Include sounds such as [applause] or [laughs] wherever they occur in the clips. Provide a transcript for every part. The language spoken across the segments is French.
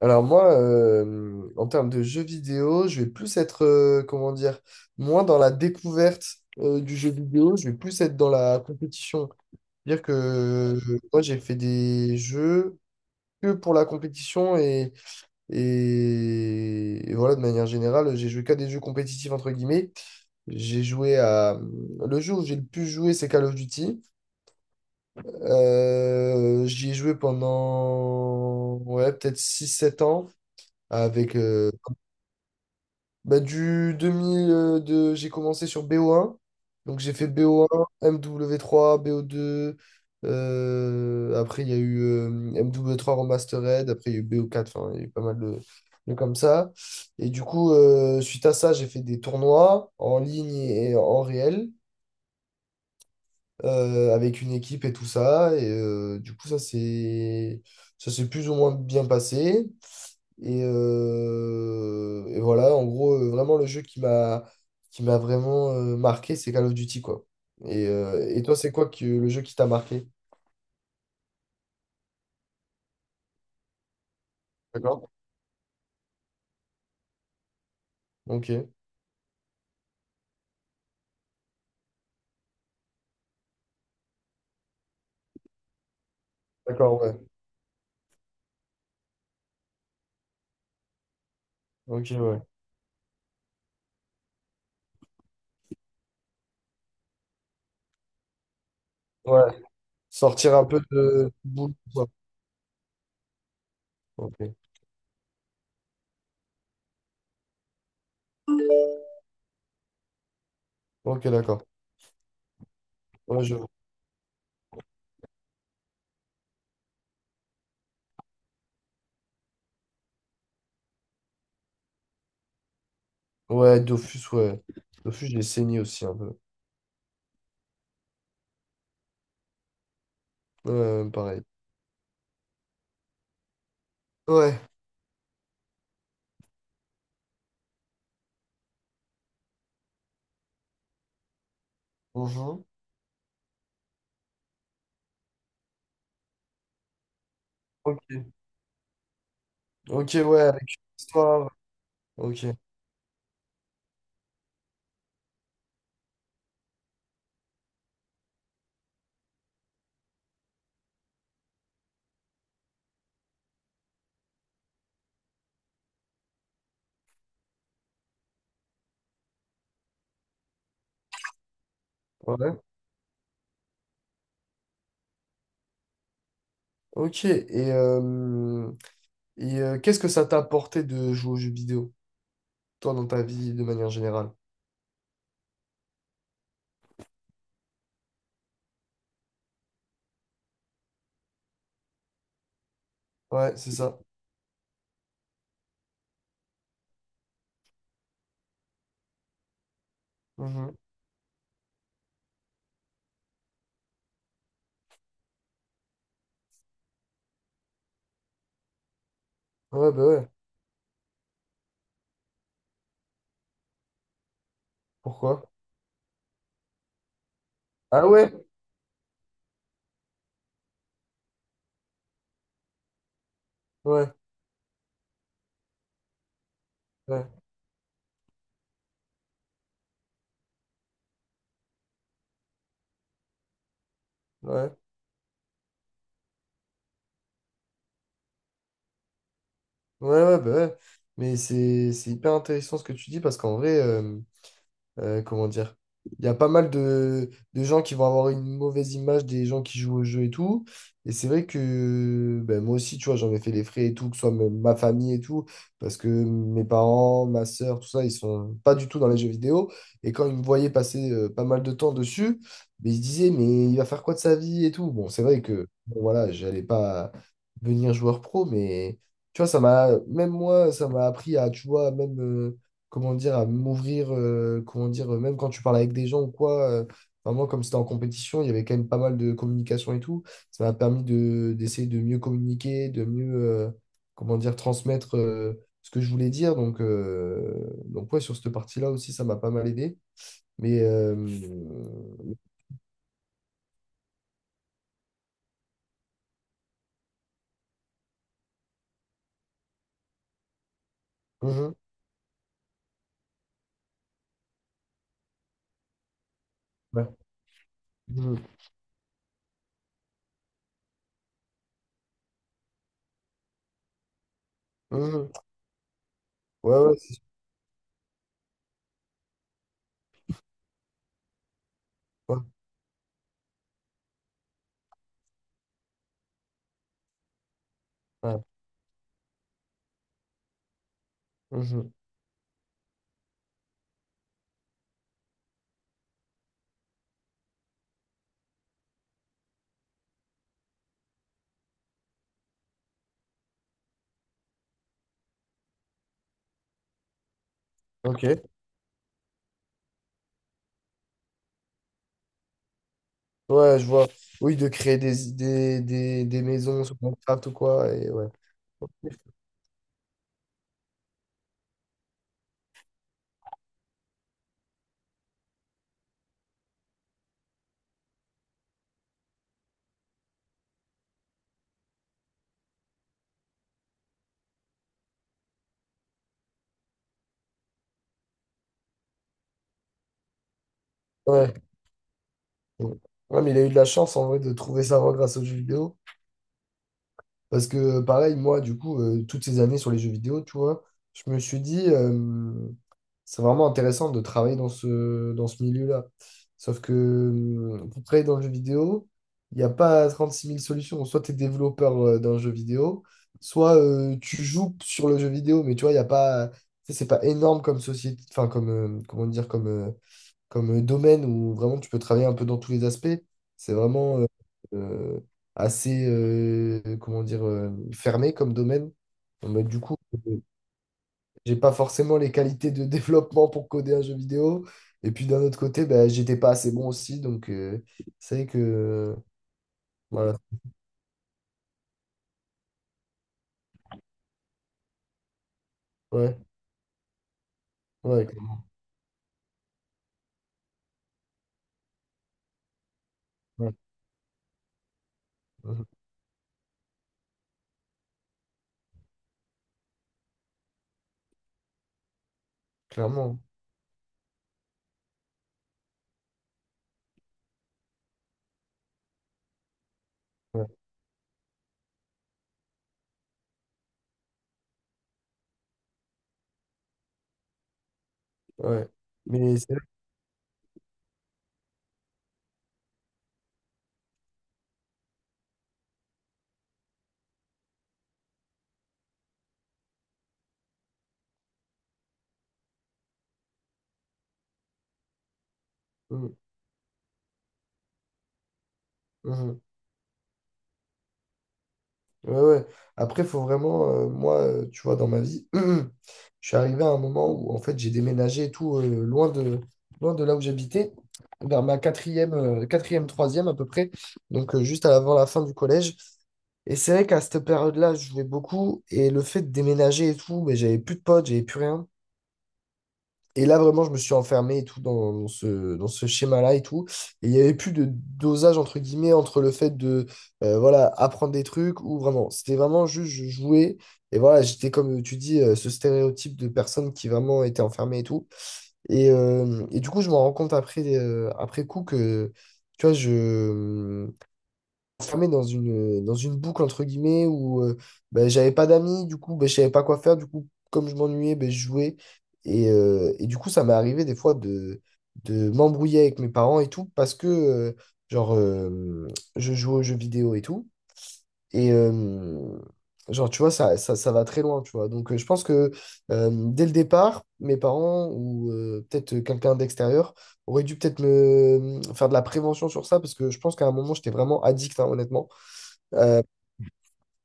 Alors moi, en termes de jeux vidéo, je vais plus être, comment dire, moins dans la découverte du jeu vidéo, je vais plus être dans la compétition. C'est-à-dire que moi, j'ai fait des jeux que pour la compétition et voilà, de manière générale, j'ai joué qu'à des jeux compétitifs, entre guillemets. J'ai joué à... Le jeu où j'ai le plus joué, c'est Call of Duty. J'y ai joué pendant, ouais, peut-être 6 7 ans avec... Bah, du 2000, de... j'ai commencé sur BO1. Donc j'ai fait BO1, MW3, BO2. Après, il y a eu MW3 Remastered. Après, il y a eu BO4. Enfin, il y a eu pas mal de comme ça. Et du coup, suite à ça, j'ai fait des tournois en ligne et en réel avec une équipe et tout ça. Et du coup, ça s'est plus ou moins bien passé. Et voilà, en gros, vraiment le jeu qui m'a vraiment marqué, c'est Call of Duty, quoi. Et toi, c'est quoi que le jeu qui t'a marqué? D'accord. Ok. D'accord, ouais. Ok, ouais. Ouais. Sortir un peu de boule, quoi. Ok. Ok, d'accord. Ouais, je... Ouais, Dofus, ouais. Dofus, j'ai saigné aussi un peu. Ouais, pareil. Ouais. Mhm. Ok. Ok, ouais, avec une histoire. Ok. Ouais. Ok. Et, et qu'est-ce que ça t'a apporté de jouer aux jeux vidéo, toi, dans ta vie de manière générale? Ouais, c'est ça. Mhm. Ouais, bah ouais. Pourquoi? Ah ouais? Ouais, ouais, ouais. Ouais, ouais, bah ouais. Mais c'est hyper intéressant ce que tu dis parce qu'en vrai, comment dire, il y a pas mal de gens qui vont avoir une mauvaise image des gens qui jouent au jeu et tout. Et c'est vrai que ben, moi aussi, tu vois, j'en ai fait les frais et tout, que ce soit ma famille et tout, parce que mes parents, ma sœur, tout ça, ils sont pas du tout dans les jeux vidéo. Et quand ils me voyaient passer pas mal de temps dessus, ben, ils se disaient, mais il va faire quoi de sa vie et tout. Bon, c'est vrai que, bon, voilà, j'allais pas devenir joueur pro, mais tu vois, ça m'a, même moi, ça m'a appris à, tu vois, même. Comment dire, à m'ouvrir, comment dire, même quand tu parles avec des gens ou quoi, enfin, moi, comme c'était en compétition, il y avait quand même pas mal de communication et tout. Ça m'a permis de, d'essayer de mieux communiquer, de mieux, comment dire, transmettre ce que je voulais dire. Donc ouais, sur cette partie-là aussi, ça m'a pas mal aidé. Mais, mhm, ouais, mhm, mhm. Ouais, ouais, c'est sûr, ouais, ouais, mhm. Ok, ouais, je vois. Oui, de créer des maisons sur Minecraft ou quoi, et ouais. Ouais. Ouais, mais il a eu de la chance en vrai de trouver sa voie grâce aux jeux vidéo. Parce que pareil, moi, du coup, toutes ces années sur les jeux vidéo, tu vois, je me suis dit, c'est vraiment intéressant de travailler dans ce milieu-là. Sauf que pour travailler dans le jeu vidéo, il n'y a pas 36 000 solutions. Soit tu es développeur d'un jeu vidéo, soit tu joues sur le jeu vidéo, mais tu vois, il n'y a pas. Tu sais, c'est pas énorme comme société, enfin comme comment dire, comme, comme domaine où vraiment tu peux travailler un peu dans tous les aspects. C'est vraiment euh, assez, comment dire, fermé comme domaine. Bon, bah, du coup, euh, j'ai pas forcément les qualités de [laughs] développement pour coder un jeu vidéo. Et puis d'un autre côté, bah, j'étais pas assez bon aussi. Donc, c'est vrai que, voilà, ouais, ouais, ouais, mhm, clairement. Hein. Ouais, ouais. Mais c'est. Mhm, mhm. Ouais, ouais. Après, faut vraiment, moi, tu vois, dans ma vie, [clears throat] je suis arrivé à un moment où, en fait, j'ai déménagé et tout, loin de là où j'habitais, vers ma quatrième, quatrième, troisième à peu près, donc juste avant la fin du collège. Et c'est vrai qu'à cette période-là, je jouais beaucoup, et le fait de déménager et tout, mais j'avais plus de potes, j'avais plus rien. Et là, vraiment, je me suis enfermé et tout dans, dans ce schéma-là et tout. Et il n'y avait plus de dosage, entre guillemets, entre le fait de voilà, apprendre des trucs ou vraiment. C'était vraiment juste, je jouais. Et voilà, j'étais, comme tu dis, ce stéréotype de personne qui vraiment était enfermée et tout. Et du coup, je me rends compte après, après coup que, tu vois, je, enfermé dans une boucle, entre guillemets, où ben, j'avais pas d'amis, du coup, ben, je savais pas quoi faire. Du coup, comme je m'ennuyais, ben, je jouais. Et du coup, ça m'est arrivé des fois de m'embrouiller avec mes parents et tout, parce que, genre, je joue aux jeux vidéo et tout. Et, genre, tu vois, ça va très loin, tu vois. Donc, je pense que dès le départ, mes parents ou peut-être quelqu'un d'extérieur aurait dû peut-être me faire de la prévention sur ça, parce que je pense qu'à un moment, j'étais vraiment addict, hein, honnêtement. Euh,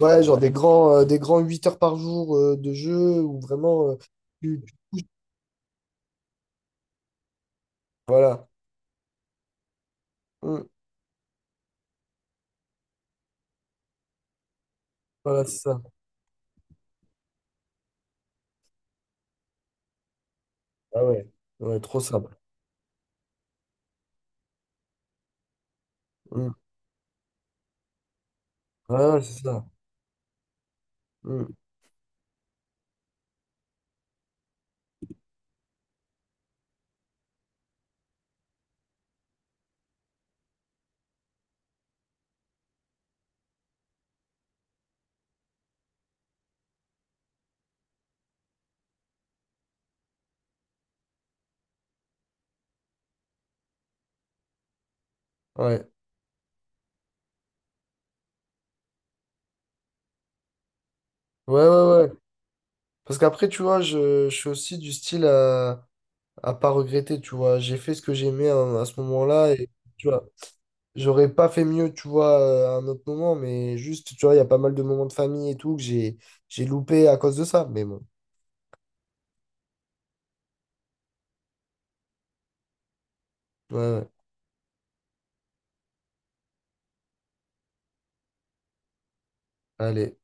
ouais, genre des grands 8 heures par jour de jeu où vraiment tu touches. Voilà. Mm. Voilà, c'est ça. Ah ouais. Ouais, trop simple. Mm. Ouais, ouais, c'est ça. Mm. Ouais. Ouais, ouais, ouais. Parce qu'après, tu vois, je suis aussi du style à pas regretter, tu vois. J'ai fait ce que j'aimais à ce moment-là et tu vois, j'aurais pas fait mieux, tu vois, à un autre moment, mais juste, tu vois, il y a pas mal de moments de famille et tout que j'ai loupé à cause de ça. Mais bon, ouais, ouais. Allez.